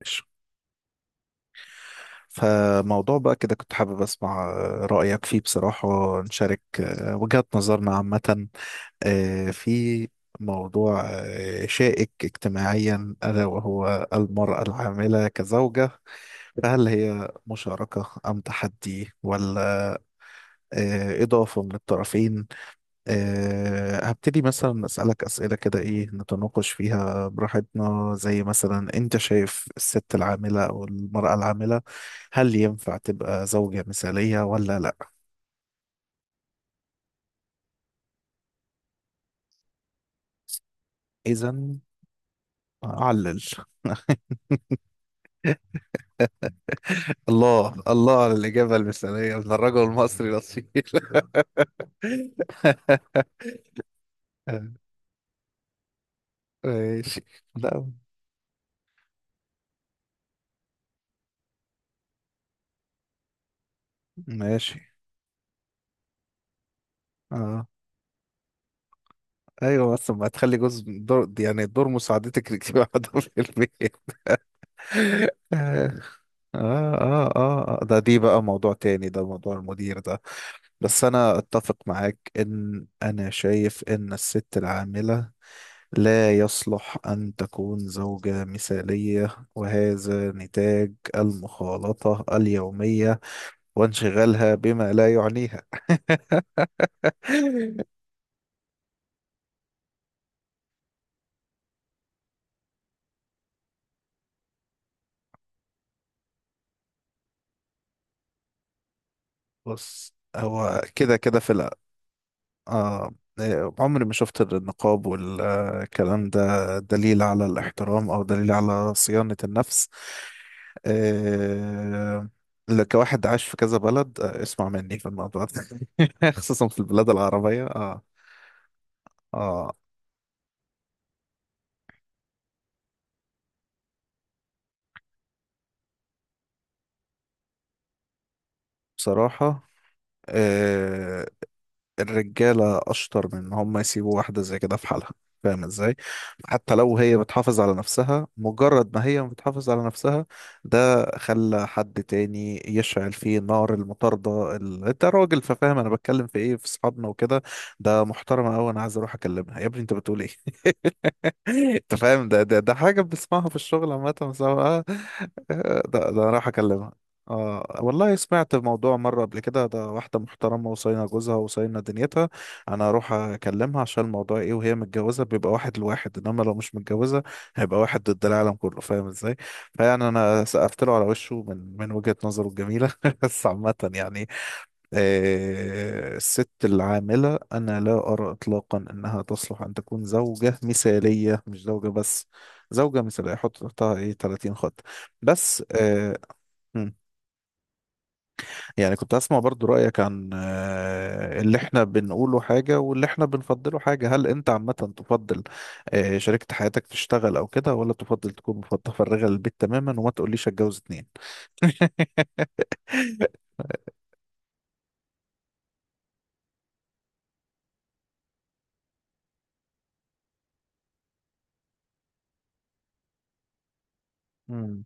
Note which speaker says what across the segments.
Speaker 1: ماشي. فموضوع بقى كده كنت حابب اسمع رأيك فيه بصراحة، نشارك وجهات نظرنا عامة في موضوع شائك اجتماعيا، ألا وهو المرأة العاملة كزوجة. فهل هي مشاركة أم تحدي؟ ولا إضافة من الطرفين؟ هبتدي مثلا أسألك أسئلة كده، إيه، نتناقش فيها براحتنا. زي مثلا، أنت شايف الست العاملة أو المرأة العاملة، هل ينفع تبقى زوجة مثالية ولا لأ؟ إذا أعلل. الله الله على الإجابة المثالية من الرجل المصري الأصيل. ماشي. لا. ماشي. اه. ايوه، بس ما تخلي جزء دور، يعني دور مساعدتك، يبقى عندهم في البيت. آه آه آه آه. دي بقى موضوع تاني، ده موضوع المدير ده. بس أنا أتفق معاك، إن أنا شايف إن الست العاملة لا يصلح أن تكون زوجة مثالية، وهذا نتاج المخالطة اليومية وانشغالها بما لا يعنيها. بص، هو كده كده في الأول. آه. إيه، عمري ما شفت النقاب والكلام ده دليل على الاحترام أو دليل على صيانة النفس. آه كواحد عاش في كذا بلد، اسمع مني في الموضوع ده. خصوصا في البلاد العربية. آه بصراحة، آه، الرجالة أشطر من إن هم يسيبوا واحدة زي كده في حالها. فاهم إزاي؟ حتى لو هي بتحافظ على نفسها، مجرد ما هي بتحافظ على نفسها، ده خلى حد تاني يشعل فيه نار المطاردة. أنت راجل ففاهم، أنا بتكلم في إيه، في أصحابنا وكده. ده محترمة أوي، أنا عايز أروح أكلمها يا ابني. أنت بتقول إيه؟ انت فاهم، ده حاجة بنسمعها في الشغل عامة، بس ده أنا راح اكلمها. اه، والله سمعت موضوع مرة قبل كده، ده واحدة محترمة وصاينة جوزها وصاينة دنيتها، انا اروح اكلمها عشان الموضوع ايه؟ وهي متجوزة بيبقى واحد لواحد، انما لو مش متجوزة هيبقى واحد ضد العالم كله. فاهم ازاي؟ فيعني انا سقفت له على وشه من وجهة نظره الجميلة. بس عامة يعني، الست العاملة أنا لا أرى إطلاقا أنها تصلح أن تكون زوجة مثالية. مش زوجة بس، زوجة مثالية. حط تحتها إيه؟ 30 خط. بس مم. يعني كنت أسمع برضو رأيك عن اللي إحنا بنقوله حاجة واللي إحنا بنفضله حاجة. هل أنت عامة تفضل شريكة حياتك تشتغل أو كده، ولا تفضل تكون متفرغة للبيت تماما، وما تقوليش أتجوز اتنين؟ مم.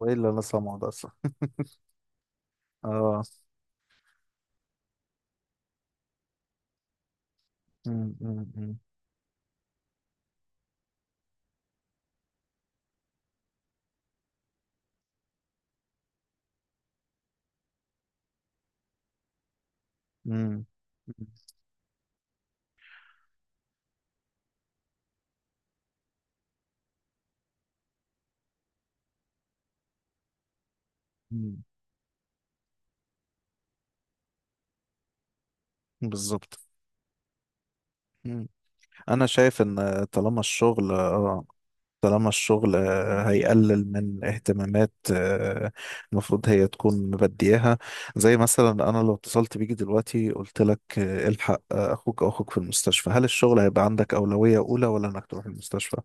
Speaker 1: وإيه اللي أنا سامعه ده أصلا؟ آه. مم، مم، مم. مم. مم. بالظبط. مم. انا شايف ان طالما الشغل، هيقلل من اهتمامات، المفروض هي تكون مبدياها. زي مثلا انا لو اتصلت بيك دلوقتي قلت لك الحق، اخوك في المستشفى، هل الشغل هيبقى عندك اولوية اولى، ولا انك تروح المستشفى؟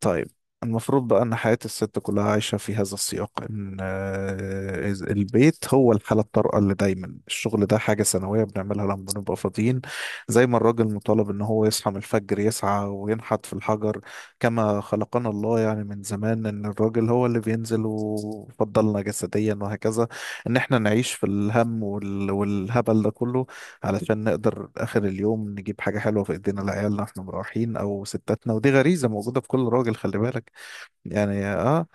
Speaker 1: طيب. المفروض بقى ان حياة الست كلها عايشة في هذا السياق، ان البيت هو الحالة الطارئة اللي دايما، الشغل ده حاجة سنوية بنعملها لما بنبقى فاضيين. زي ما الراجل مطالب ان هو يصحى من الفجر، يسعى وينحت في الحجر كما خلقنا الله، يعني من زمان ان الراجل هو اللي بينزل وفضلنا جسديا وهكذا. ان احنا نعيش في الهم والهبل ده كله علشان نقدر آخر اليوم نجيب حاجة حلوة في إيدينا لعيالنا واحنا مروحين أو ستاتنا. ودي غريزة موجودة في كل راجل، خلي بالك. يعني اه،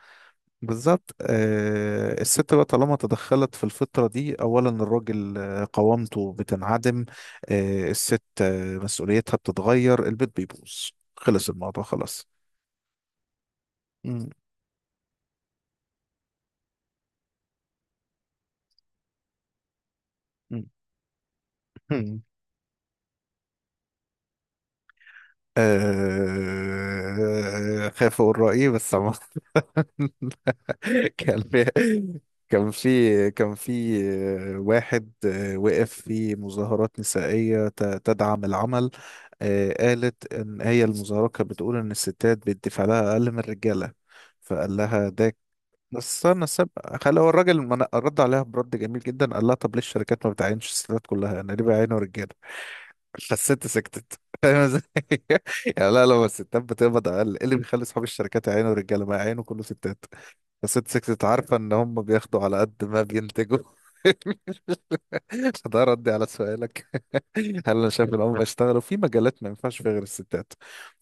Speaker 1: بالظبط. الست بقى طالما تدخلت في الفطرة دي، أولا الراجل قوامته بتنعدم. الست مسؤوليتها بتتغير، البيت بيبوظ. خلص الموضوع، خلاص. مم. مم. خايف أقول رأيي، بس عموما. كان في كان في واحد وقف في مظاهرات نسائية تدعم العمل. قالت إن هي المظاهرة كانت بتقول إن الستات بيدفع لها أقل من الرجالة. فقال لها ده، بس استنى سبق، خلى هو الراجل رد عليها برد جميل جدا. قال لها طب ليه الشركات ما بتعينش الستات كلها؟ انا ليه بعينه رجاله؟ فالست سكتت. فاهم ازاي؟ يعني لا، لما الستات بتقبض اقل، ايه اللي بيخلي اصحاب الشركات يعينوا رجاله، ما يعينوا كله ستات؟ الست سكتت عارفة إن هم بياخدوا على قد ما بينتجوا. فده ردي على سؤالك. هل أنا شايف إن هم بيشتغلوا في مجالات ما ينفعش فيها غير الستات،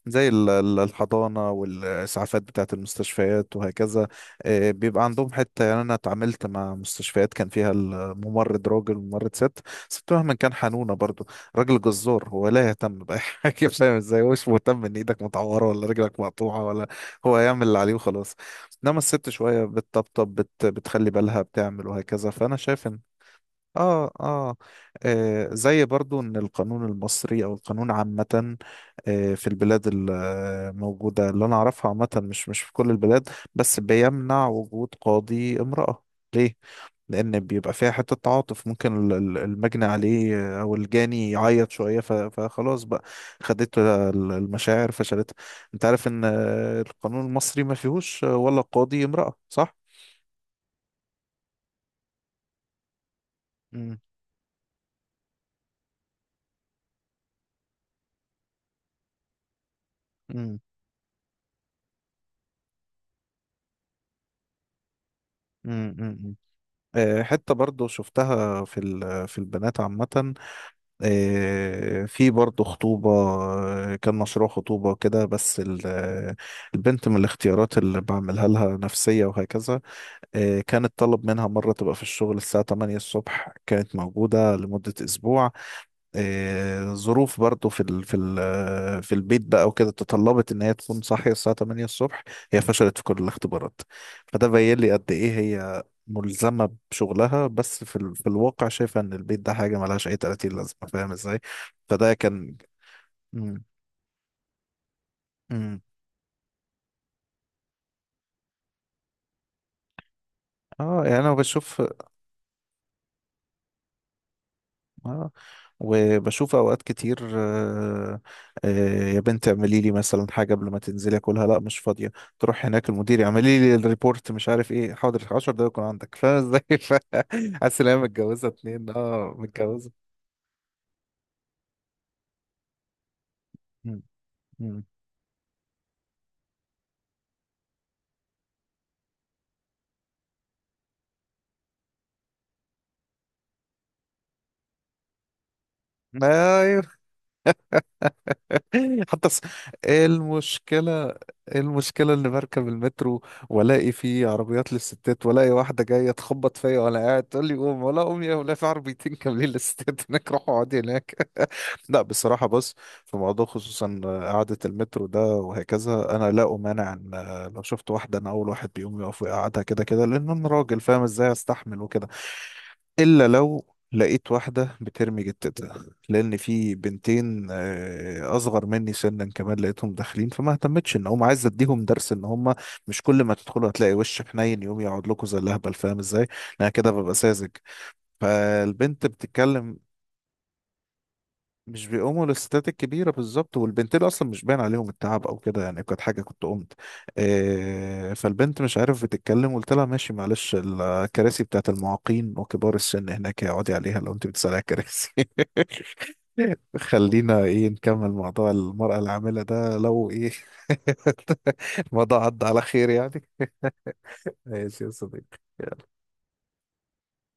Speaker 1: زي الحضانة والإسعافات بتاعة المستشفيات وهكذا؟ بيبقى عندهم حتة يعني. أنا اتعاملت مع مستشفيات كان فيها الممرض راجل وممرض ست. ست مهما كان حنونة، برضو راجل جزار هو لا يهتم بأي حاجة. فاهم ازاي؟ هو مش مهتم إن إيدك متعورة ولا رجلك مقطوعة ولا، هو يعمل اللي عليه وخلاص. إنما الست شوية بتطبطب، بتخلي بالها، بتعمل وهكذا. فأنا شايف إن آه, آه, زي برضو إن القانون المصري، أو القانون عامة في البلاد الموجودة اللي أنا أعرفها عامة، مش في كل البلاد، بس بيمنع وجود قاضي امرأة. ليه؟ لأن بيبقى فيها حتة تعاطف، ممكن المجني عليه أو الجاني يعيط شوية، فخلاص بقى، خدته المشاعر فشلتها. أنت عارف إن القانون المصري ما فيهوش ولا قاضي امرأة، صح؟ امم. حتة برضو شفتها في البنات عامة. في برضو خطوبة، كان مشروع خطوبة كده، بس البنت من الاختيارات اللي بعملها لها نفسية وهكذا. كانت طلب منها مرة تبقى في الشغل الساعة 8 الصبح، كانت موجودة لمدة أسبوع. ظروف برضو في البيت بقى وكده تطلبت ان هي تكون صاحيه الساعه 8 الصبح. هي فشلت في كل الاختبارات. فده بين لي قد ايه هي ملزمه بشغلها، بس في الواقع شايفه ان البيت ده حاجه ملهاش اي 30 لازمه. فاهم ازاي؟ فده كان. مم. مم. اه يعني انا بشوف. آه. وبشوف اوقات كتير، آه، يا بنت اعملي لي مثلا حاجه قبل ما تنزلي اكلها، لا مش فاضيه. تروح هناك المدير اعملي لي الريبورت، مش عارف ايه، حاضر 10 دقايق يكون عندك. فاهم ازاي؟ حاسس ان هي متجوزه اتنين. اه متجوزه. مم. مم. ايوه. حتى المشكله المشكله اني بركب المترو والاقي فيه عربيات للستات، والاقي واحده جايه تخبط فيا وانا قاعد تقول لي قوم، ولا قوم يا ولا، في عربيتين كاملين للستات هناك، روحوا اقعدي هناك. لا، بصراحة بص، في موضوع خصوصا قعدة المترو ده وهكذا، أنا لا أمانع، إن لو شفت واحدة أنا أول واحد بيقوم يقف ويقعدها. كده كده لأن أنا راجل، فاهم إزاي، أستحمل وكده. إلا لو لقيت واحدة بترمي جتتها، لأن في بنتين أصغر مني سنا كمان، لقيتهم داخلين فما اهتمتش. إن هم، عايز أديهم درس إن هم مش كل ما تدخلوا هتلاقي وش حنين يقوم يقعد لكم زي الأهبل. فاهم إزاي؟ أنا كده ببقى ساذج. فالبنت بتتكلم، مش بيقوموا للستات الكبيرة. بالظبط، والبنتين أصلا مش باين عليهم التعب أو كده يعني، كانت حاجة كنت قمت. فالبنت مش عارف بتتكلم، قلت لها ماشي معلش، الكراسي بتاعت المعاقين وكبار السن هناك، اقعدي عليها لو أنت بتسألي على الكراسي. خلينا إيه نكمل موضوع المرأة العاملة ده، لو إيه. الموضوع عدى على خير يعني. ماشي يا صديقي.